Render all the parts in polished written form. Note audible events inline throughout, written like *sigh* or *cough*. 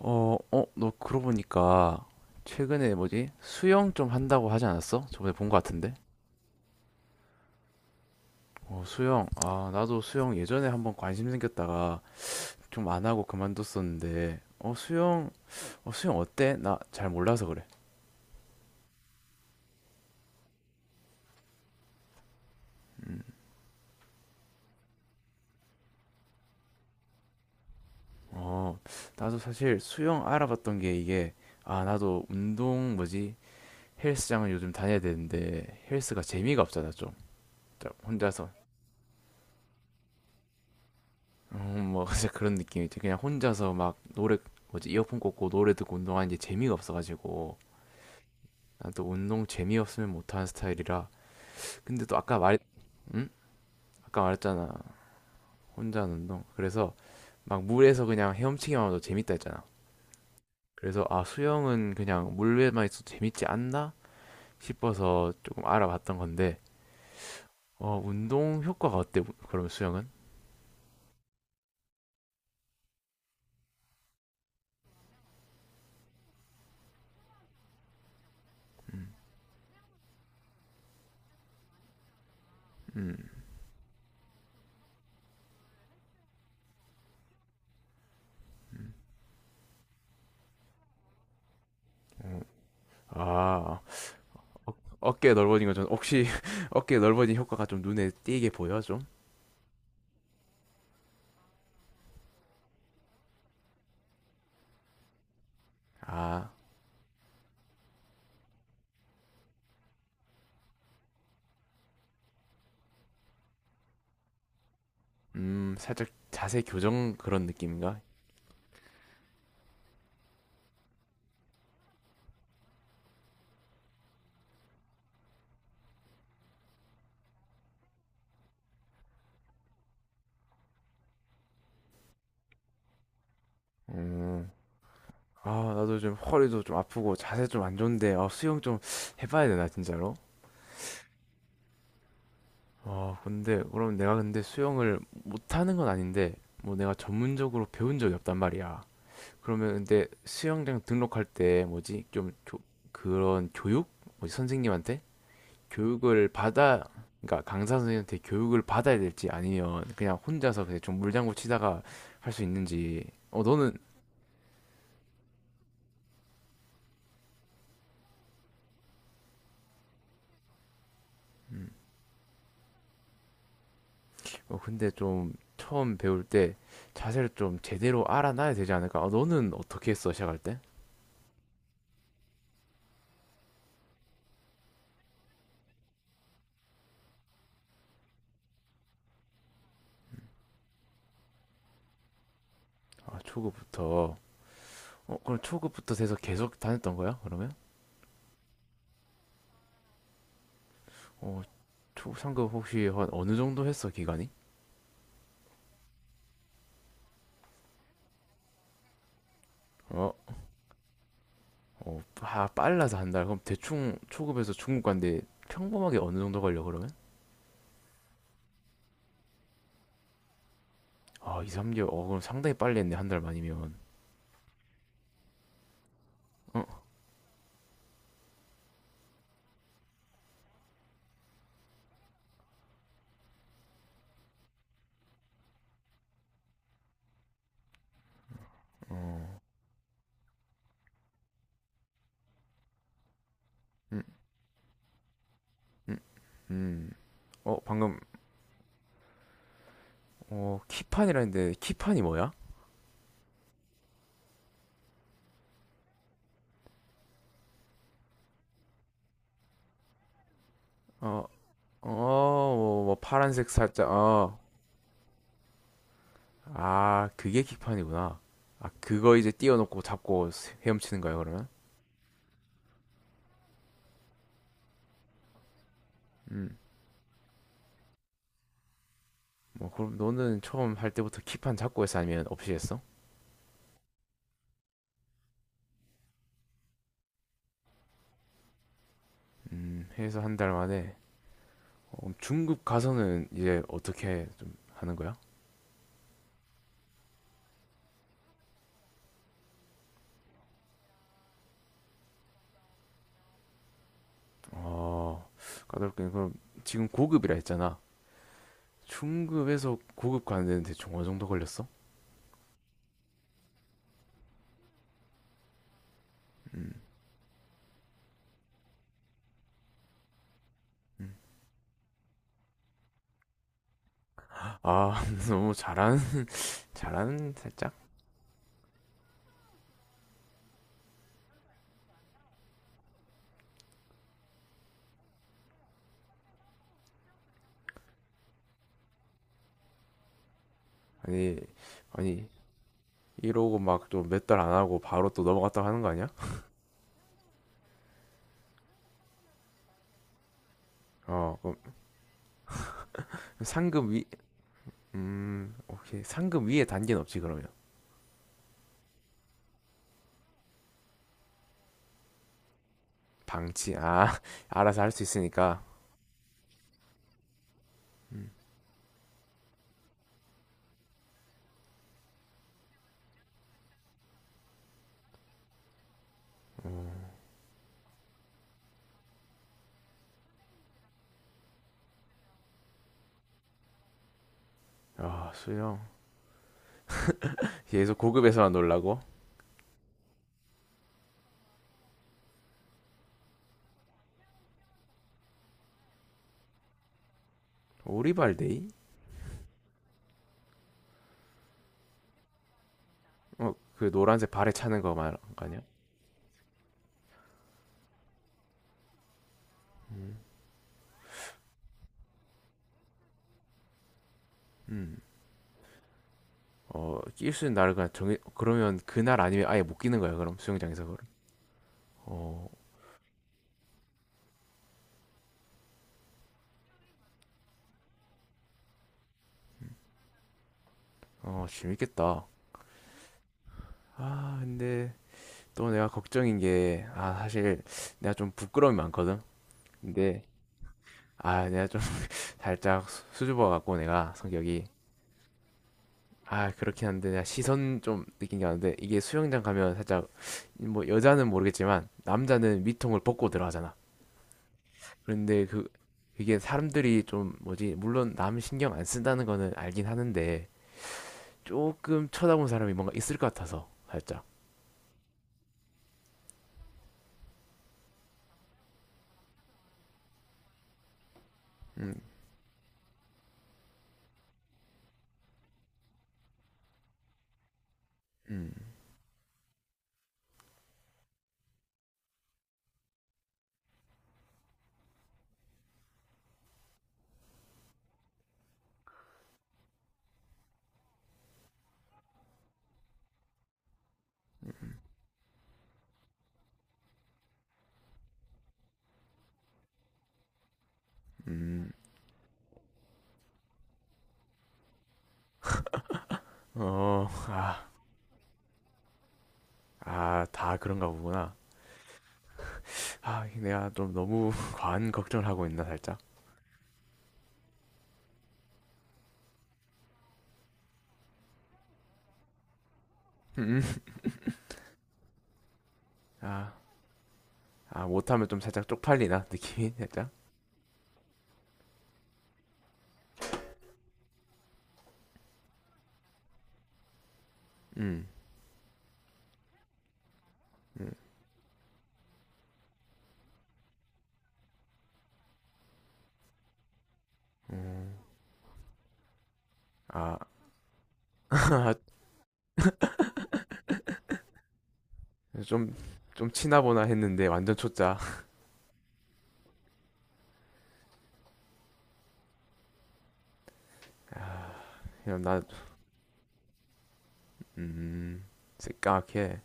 너 그러고 보니까 최근에 뭐지? 수영 좀 한다고 하지 않았어? 저번에 본 거 같은데? 어, 수영. 아, 나도 수영 예전에 한번 관심 생겼다가 좀 안 하고 그만뒀었는데, 수영 어때? 나 잘 몰라서 그래. 어, 나도 사실 수영 알아봤던 게 이게, 아, 나도 운동 뭐지? 헬스장을 요즘 다녀야 되는데, 헬스가 재미가 없잖아, 좀. 혼자서 뭐 *laughs* 진짜 그런 느낌이지. 그냥 혼자서 막 노래 뭐지 이어폰 꽂고 노래 듣고 운동하는 게 재미가 없어가지고 난 또 운동 재미없으면 못하는 스타일이라. 근데 또 응? 아까 말했잖아. 혼자 하는 운동. 그래서 막 물에서 그냥 헤엄치기만 해도 재밌다 했잖아. 그래서 아, 수영은 그냥 물에만 있어도 재밌지 않나 싶어서 조금 알아봤던 건데 어, 운동 효과가 어때? 그러면 수영은? 아, 어깨 넓어진 거좀 혹시 *laughs* 어깨 넓어진 효과가 좀 눈에 띄게 보여 좀? 아, 살짝 자세 교정 그런 느낌인가? 음, 아, 나도 좀 허리도 좀 아프고 자세 좀 안 좋은데, 아, 수영 좀 해봐야 되나, 진짜로? 아, 근데, 그럼 내가 근데 수영을 못하는 건 아닌데, 뭐 내가 전문적으로 배운 적이 없단 말이야. 그러면 근데 수영장 등록할 때 뭐지? 그런 교육? 뭐지? 선생님한테? 교육을 받아, 그러니까 강사 선생님한테 교육을 받아야 될지 아니면 그냥 혼자서 그냥 좀 물장구 치다가 할 수 있는지. 어, 너는 근데 좀 처음 배울 때 자세를 좀 제대로 알아놔야 되지 않을까? 아, 너는 어떻게 했어, 시작할 때? 아, 초급부터. 어, 그럼 초급부터 돼서 계속 다녔던 거야, 그러면? 어, 상급 혹시 한 어느 정도 했어, 기간이? 어, 아, 빨라서 한 달. 그럼 대충 초급에서 중급 간데 평범하게 어느 정도 걸려, 그러면? 아, 2, 3개월. 어, 그럼 상당히 빨리 했네, 한 달만이면. 어, 어, 음, 음, 음. 어, 방금, 키판이라 했는데, 키판이 뭐야? 어, 어, 뭐 파란색 살짝, 어. 아, 그게 킥판이구나. 아, 그거 이제 띄워놓고 잡고 헤엄치는 거야, 그러면? 음. 뭐, 그럼 너는 처음 할 때부터 킥판 잡고 했어? 아니면 없이 했어? 해서 한 달 만에. 어, 중급 가서는 이제 어떻게 좀 하는 거야? 어, 까다롭게. 그럼 지금 고급이라 했잖아. 중급에서 고급 가는데 대충 어느 정도 걸렸어? 음, 음. 아, *laughs* 너무 잘하는, *laughs* 잘하는 살짝? 아니, 아니, 이러고 막 또 몇 달 안 하고 바로 또 넘어갔다고 하는 거 아니야? 어, 그럼 상금 위, 오케이. 상금 위에 단계는 없지, 그러면. 방치, 아, *laughs* 알아서 할 수 있으니까. 아, 수영. 계속 고급에서만 놀라고? 오리발데이? 어, 그 노란색 발에 차는 거 말한 거 아니야? 음, 음. 어, 낄 수 있는 날을 그냥 정해, 그러면 그 날 아니면 아예 못 끼는 거야, 그럼 수영장에서 그럼. 어, 재밌겠다. 아, 근데 또 내가 걱정인 게, 아, 사실 내가 좀 부끄러움이 많거든. 근데 아, 내가 좀 *laughs* 살짝 수줍어 갖고 내가 성격이, 아, 그렇긴 한데 내가 시선 좀 느낀 게 많은데 이게 수영장 가면 살짝 뭐, 여자는 모르겠지만 남자는 미통을 벗고 들어가잖아. 그런데 그 그게 사람들이 좀 뭐지, 물론 남 신경 안 쓴다는 거는 알긴 하는데 조금 쳐다본 사람이 뭔가 있을 것 같아서 살짝, 음, 음, 어, 아, 아, 다 그런가 보구나. 아, 내가 좀 너무 *laughs* 과한 걱정을 하고 있나 살짝. 음, 음. 아, 아, 못하면 좀 살짝 쪽팔리나 느낌이 살짝. 음, 음. 음. 아, *laughs* 좀, 좀 치나보나 했는데 완전 초짜. 아, 그냥 나, 음, 새까맣게.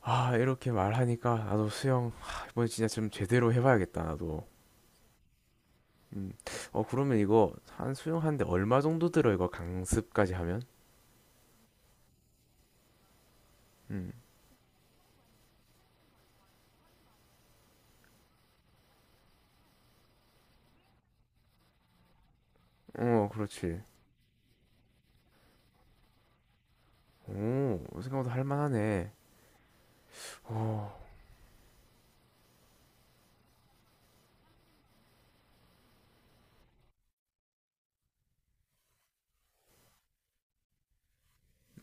아, 이렇게 말하니까 나도 수영, 아, 이번에 진짜 좀 제대로 해봐야겠다, 나도. 음, 어, 그러면 이거 한 수영하는데 얼마 정도 들어, 이거 강습까지 하면? 음, 어, 그렇지. 오, 생각보다 할만하네. 오,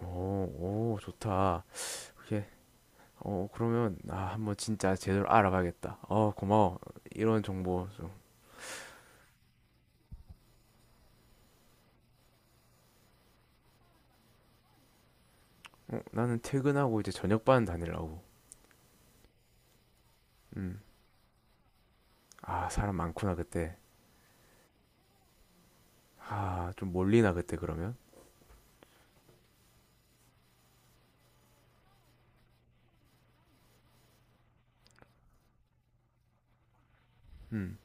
오, 오, 좋다. 그게 어, 그러면, 아, 한번 진짜 제대로 알아봐야겠다. 어, 고마워. 이런 정보 좀. 어, 나는 퇴근하고 이제 저녁반 다니려고. 음. 아, 사람 많구나, 그때. 아, 좀 몰리나, 그때, 그러면? 음.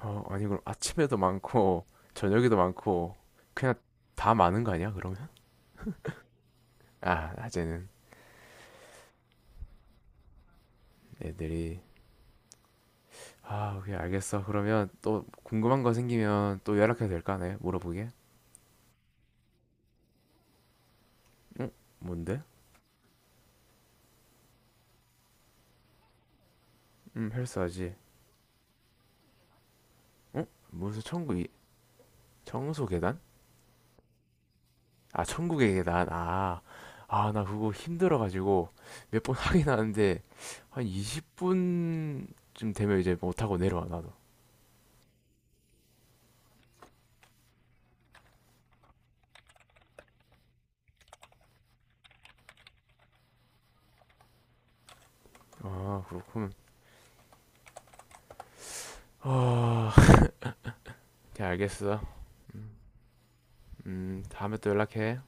어, 아니, 그럼 아침에도 많고, *laughs* 저녁에도 많고, 그냥 다 많은 거 아니야, 그러면? 아, 낮에는 애들이. 아, 오케이, 알겠어. 그러면 또 궁금한 거 생기면 또 연락해도 될까, 네? 물어보게? 응? 뭔데? 헬스하지. 응? 청소 계단? 아, 천국의 계단. 아, 아, 나 그거 힘들어가지고 몇 번 *laughs* 하긴 하는데 한 20분쯤 되면 이제 못하고 내려와, 나도. 아, 그렇군. 아, 오, 알겠어. 다음에 또 연락해.